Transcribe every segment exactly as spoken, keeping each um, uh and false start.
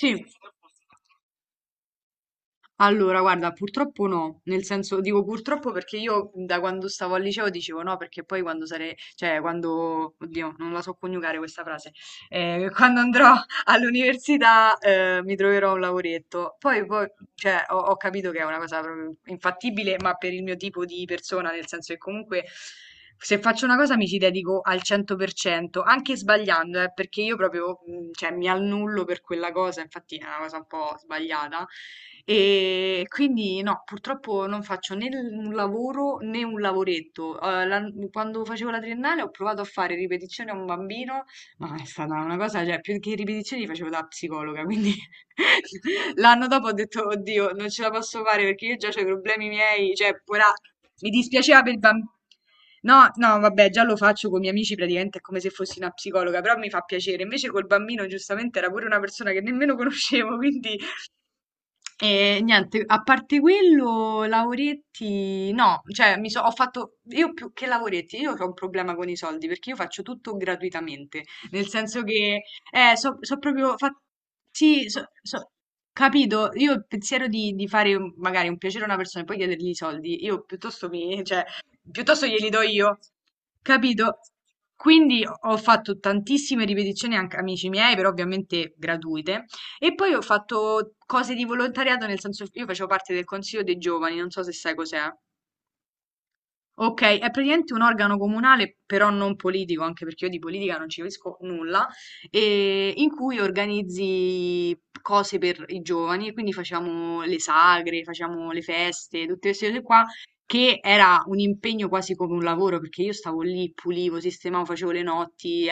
Sì. Allora, guarda, purtroppo no, nel senso dico purtroppo perché io da quando stavo al liceo dicevo no, perché poi quando sarei, cioè quando, oddio, non la so coniugare questa frase, eh, quando andrò all'università eh, mi troverò un lavoretto. Poi, poi cioè, ho, ho capito che è una cosa proprio infattibile, ma per il mio tipo di persona, nel senso che comunque se faccio una cosa mi ci dedico al cento per cento, anche sbagliando, eh, perché io proprio, mh, cioè, mi annullo per quella cosa, infatti è una cosa un po' sbagliata. E quindi no, purtroppo non faccio né l- un lavoro né un lavoretto. Eh, la- quando facevo la triennale ho provato a fare ripetizioni a un bambino, ma è stata una cosa, cioè, più che ripetizioni li facevo da psicologa, quindi l'anno dopo ho detto, oddio, non ce la posso fare perché io già ho i problemi miei, cioè, ora mi dispiaceva per il bambino. No, no, vabbè, già lo faccio con i miei amici, praticamente è come se fossi una psicologa, però mi fa piacere. Invece col bambino, giustamente, era pure una persona che nemmeno conoscevo, quindi e niente, a parte quello, lavoretti, no, cioè mi so, ho fatto, io più che lavoretti, io ho un problema con i soldi perché io faccio tutto gratuitamente, nel senso che eh, so, so proprio fa- Sì, so, so- capito. Io il pensiero di, di fare un- magari un piacere a una persona e poi chiedergli i soldi, io piuttosto mi, cioè, piuttosto glieli do io, capito? Quindi ho fatto tantissime ripetizioni anche amici miei, però ovviamente gratuite. E poi ho fatto cose di volontariato, nel senso io facevo parte del consiglio dei giovani, non so se sai cos'è. Okay, è praticamente un organo comunale, però non politico, anche perché io di politica non ci capisco nulla, ehm, in cui organizzi cose per i giovani e quindi facevamo le sagre, facevamo le feste, tutte queste cose qua, che era un impegno quasi come un lavoro, perché io stavo lì, pulivo, sistemavo, facevo le notti,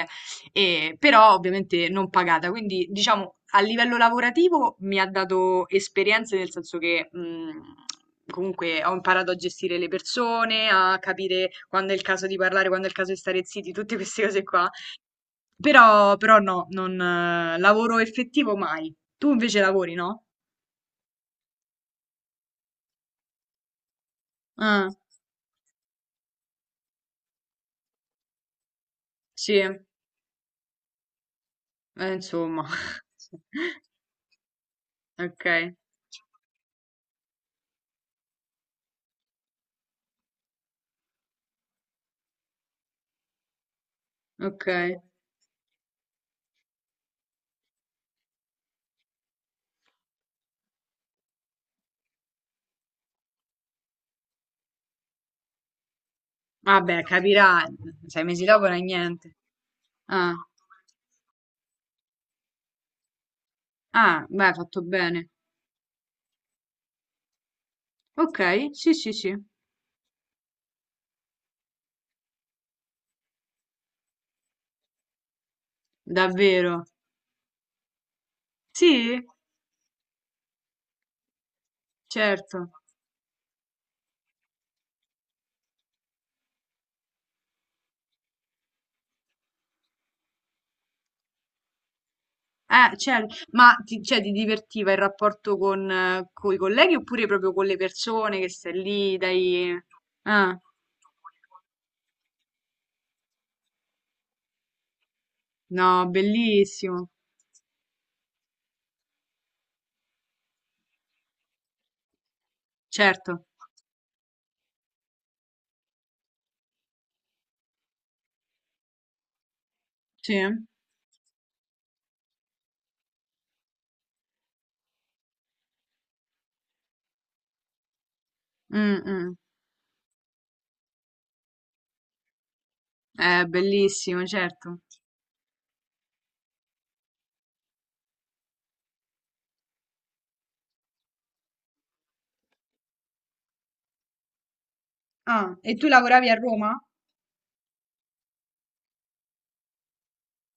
e- però ovviamente non pagata. Quindi diciamo a livello lavorativo mi ha dato esperienze nel senso che mh, comunque ho imparato a gestire le persone, a capire quando è il caso di parlare, quando è il caso di stare zitti, tutte queste cose qua. Però, però no, non eh, lavoro effettivo mai. Tu invece lavori, no? Ah, sì, eh, insomma. Ok, ok. Vabbè, capirà, sei mesi dopo non è niente. Ah. Ah, beh, hai fatto bene. Ok, sì, sì, sì. Davvero? Sì, certo. Eh, certo. Ma ti, cioè, ti divertiva il rapporto con i colleghi oppure proprio con le persone che stai lì, dai? Ah, no, bellissimo. Certo. Sì. Mm, mm. Eh, bellissimo, certo. Ah, e tu lavoravi a Roma?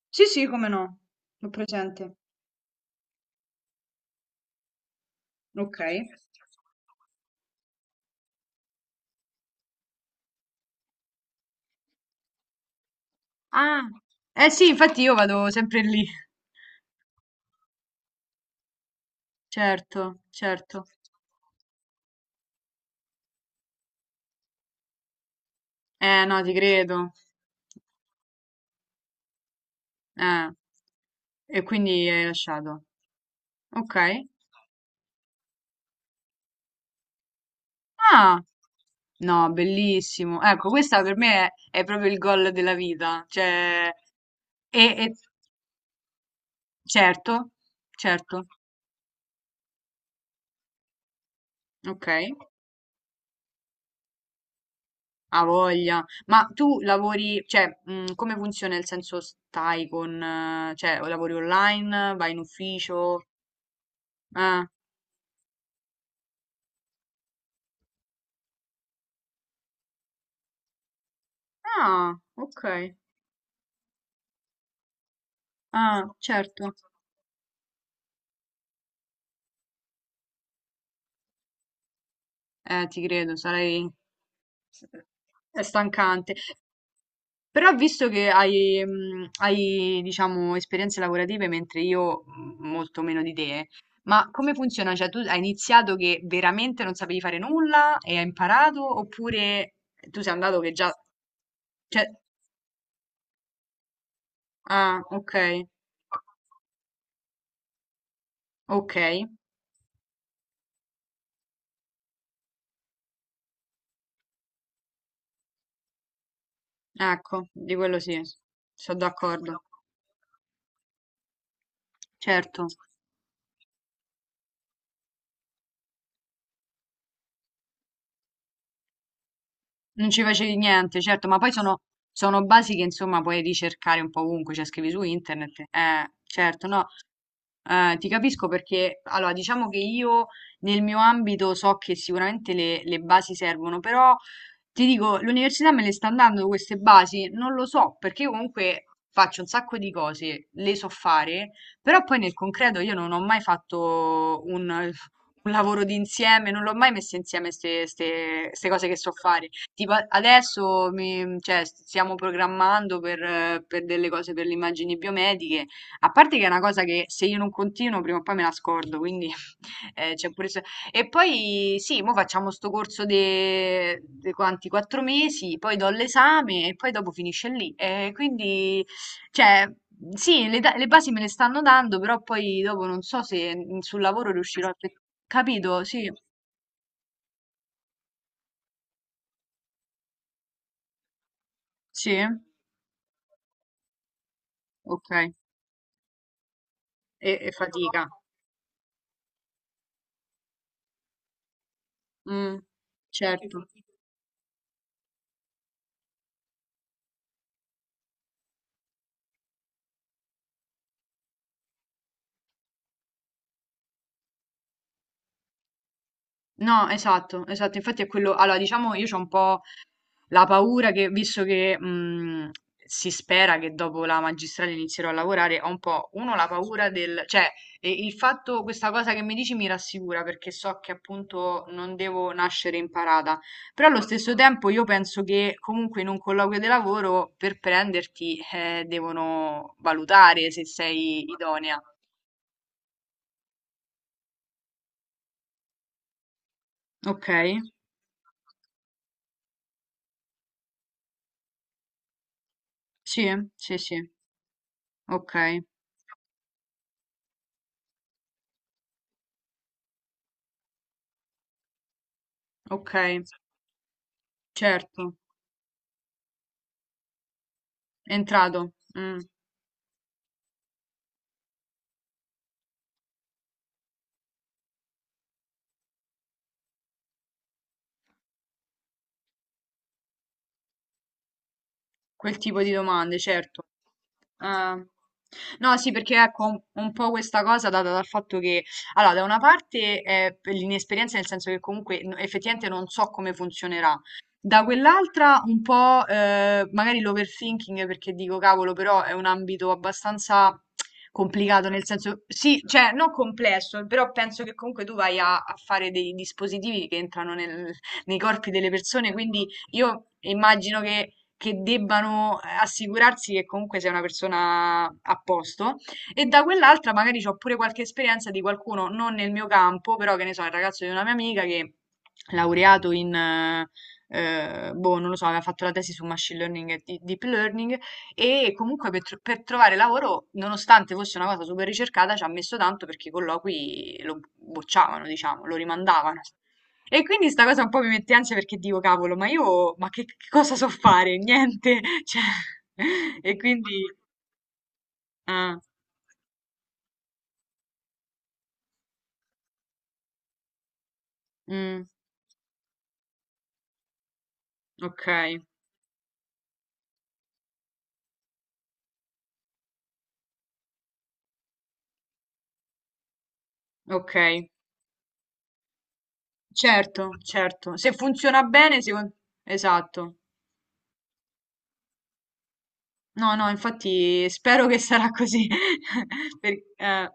Sì, sì, come no. L'ho presente. Ok. Ah, eh sì, infatti io vado sempre lì. Certo, certo. Eh no, ti credo. Eh. E quindi hai lasciato. Ok. Ah, no, bellissimo. Ecco, questa per me è, è proprio il gol della vita. Cioè, e, e- certo, certo. Ok, ha voglia. Ma tu lavori, cioè, mh, come funziona il senso stai con, eh, cioè, o lavori online, vai in ufficio? Eh. Ah, ok. Ah, certo. Eh, ti credo, sarei... è stancante. Però visto che hai, mm, hai, diciamo, esperienze lavorative, mentre io mm, molto meno di te, ma come funziona? Cioè, tu hai iniziato che veramente non sapevi fare nulla e hai imparato, oppure tu sei andato che già. Cioè. Ah, ok, ok, ecco, di quello sì, sono d'accordo, certo. Non ci facevi niente, certo, ma poi sono, sono basi che insomma puoi ricercare un po' ovunque, cioè scrivi su internet. Eh, certo, no, eh, ti capisco perché, allora, diciamo che io nel mio ambito so che sicuramente le, le basi servono, però ti dico, l'università me le sta dando queste basi? Non lo so, perché io comunque faccio un sacco di cose, le so fare, però poi nel concreto io non ho mai fatto un, un lavoro d'insieme, non l'ho mai messo insieme queste cose che so fare. Tipo a- adesso mi- cioè, st- stiamo programmando per, eh, per delle cose per le immagini biomediche, a parte che è una cosa che se io non continuo prima o poi me la scordo, quindi eh, c'è pure. se- E poi sì, mo facciamo sto corso di quanti? Quattro mesi, poi do l'esame e poi dopo finisce lì. E quindi, cioè, sì, le, da- le basi me le stanno dando, però poi dopo non so se mm, sul lavoro riuscirò a... fe- capito? Sì, sì, ok. e e fatica. Mh, certo. No, esatto, esatto. Infatti è quello allora diciamo io c'ho un po' la paura che visto che, mhmm, si spera che dopo la magistrale inizierò a lavorare, ho un po', uno la paura del cioè, ehm, il fatto questa cosa che mi dici mi rassicura perché so che appunto non devo nascere imparata, però allo stesso tempo io penso che comunque in un colloquio di lavoro per prenderti, eh, devono valutare se sei idonea. Okay. Sì, sì, sì. Ok, ok, certo, è entrato. Mm. Quel tipo di domande, certo. Ah. No, sì, perché ecco, un, un po' questa cosa data dal fatto che, allora, da una parte è per l'inesperienza, nel senso che comunque no- effettivamente non so come funzionerà, da quell'altra un po' eh, magari l'overthinking, perché dico, cavolo, però è un ambito abbastanza complicato, nel senso, sì, cioè, non complesso, però penso che comunque tu vai a, a fare dei dispositivi che entrano nel- nei corpi delle persone, quindi io immagino che che debbano eh, assicurarsi che comunque sia una persona a posto e da quell'altra magari ho pure qualche esperienza di qualcuno non nel mio campo, però che ne so, il ragazzo di una mia amica che laureato in eh, eh, boh, non lo so, aveva fatto la tesi su machine learning e di- deep learning e comunque per, tro- per trovare lavoro, nonostante fosse una cosa super ricercata, ci ha messo tanto perché i colloqui lo bocciavano, diciamo, lo rimandavano. E quindi sta cosa un po' mi mette ansia perché dico, cavolo, ma io, ma che, che cosa so fare? Niente, cioè, e quindi, ah, mm, ok, ok, certo, certo, se funziona bene, secondo. Esatto, no, no, infatti spero che sarà così, per- eh.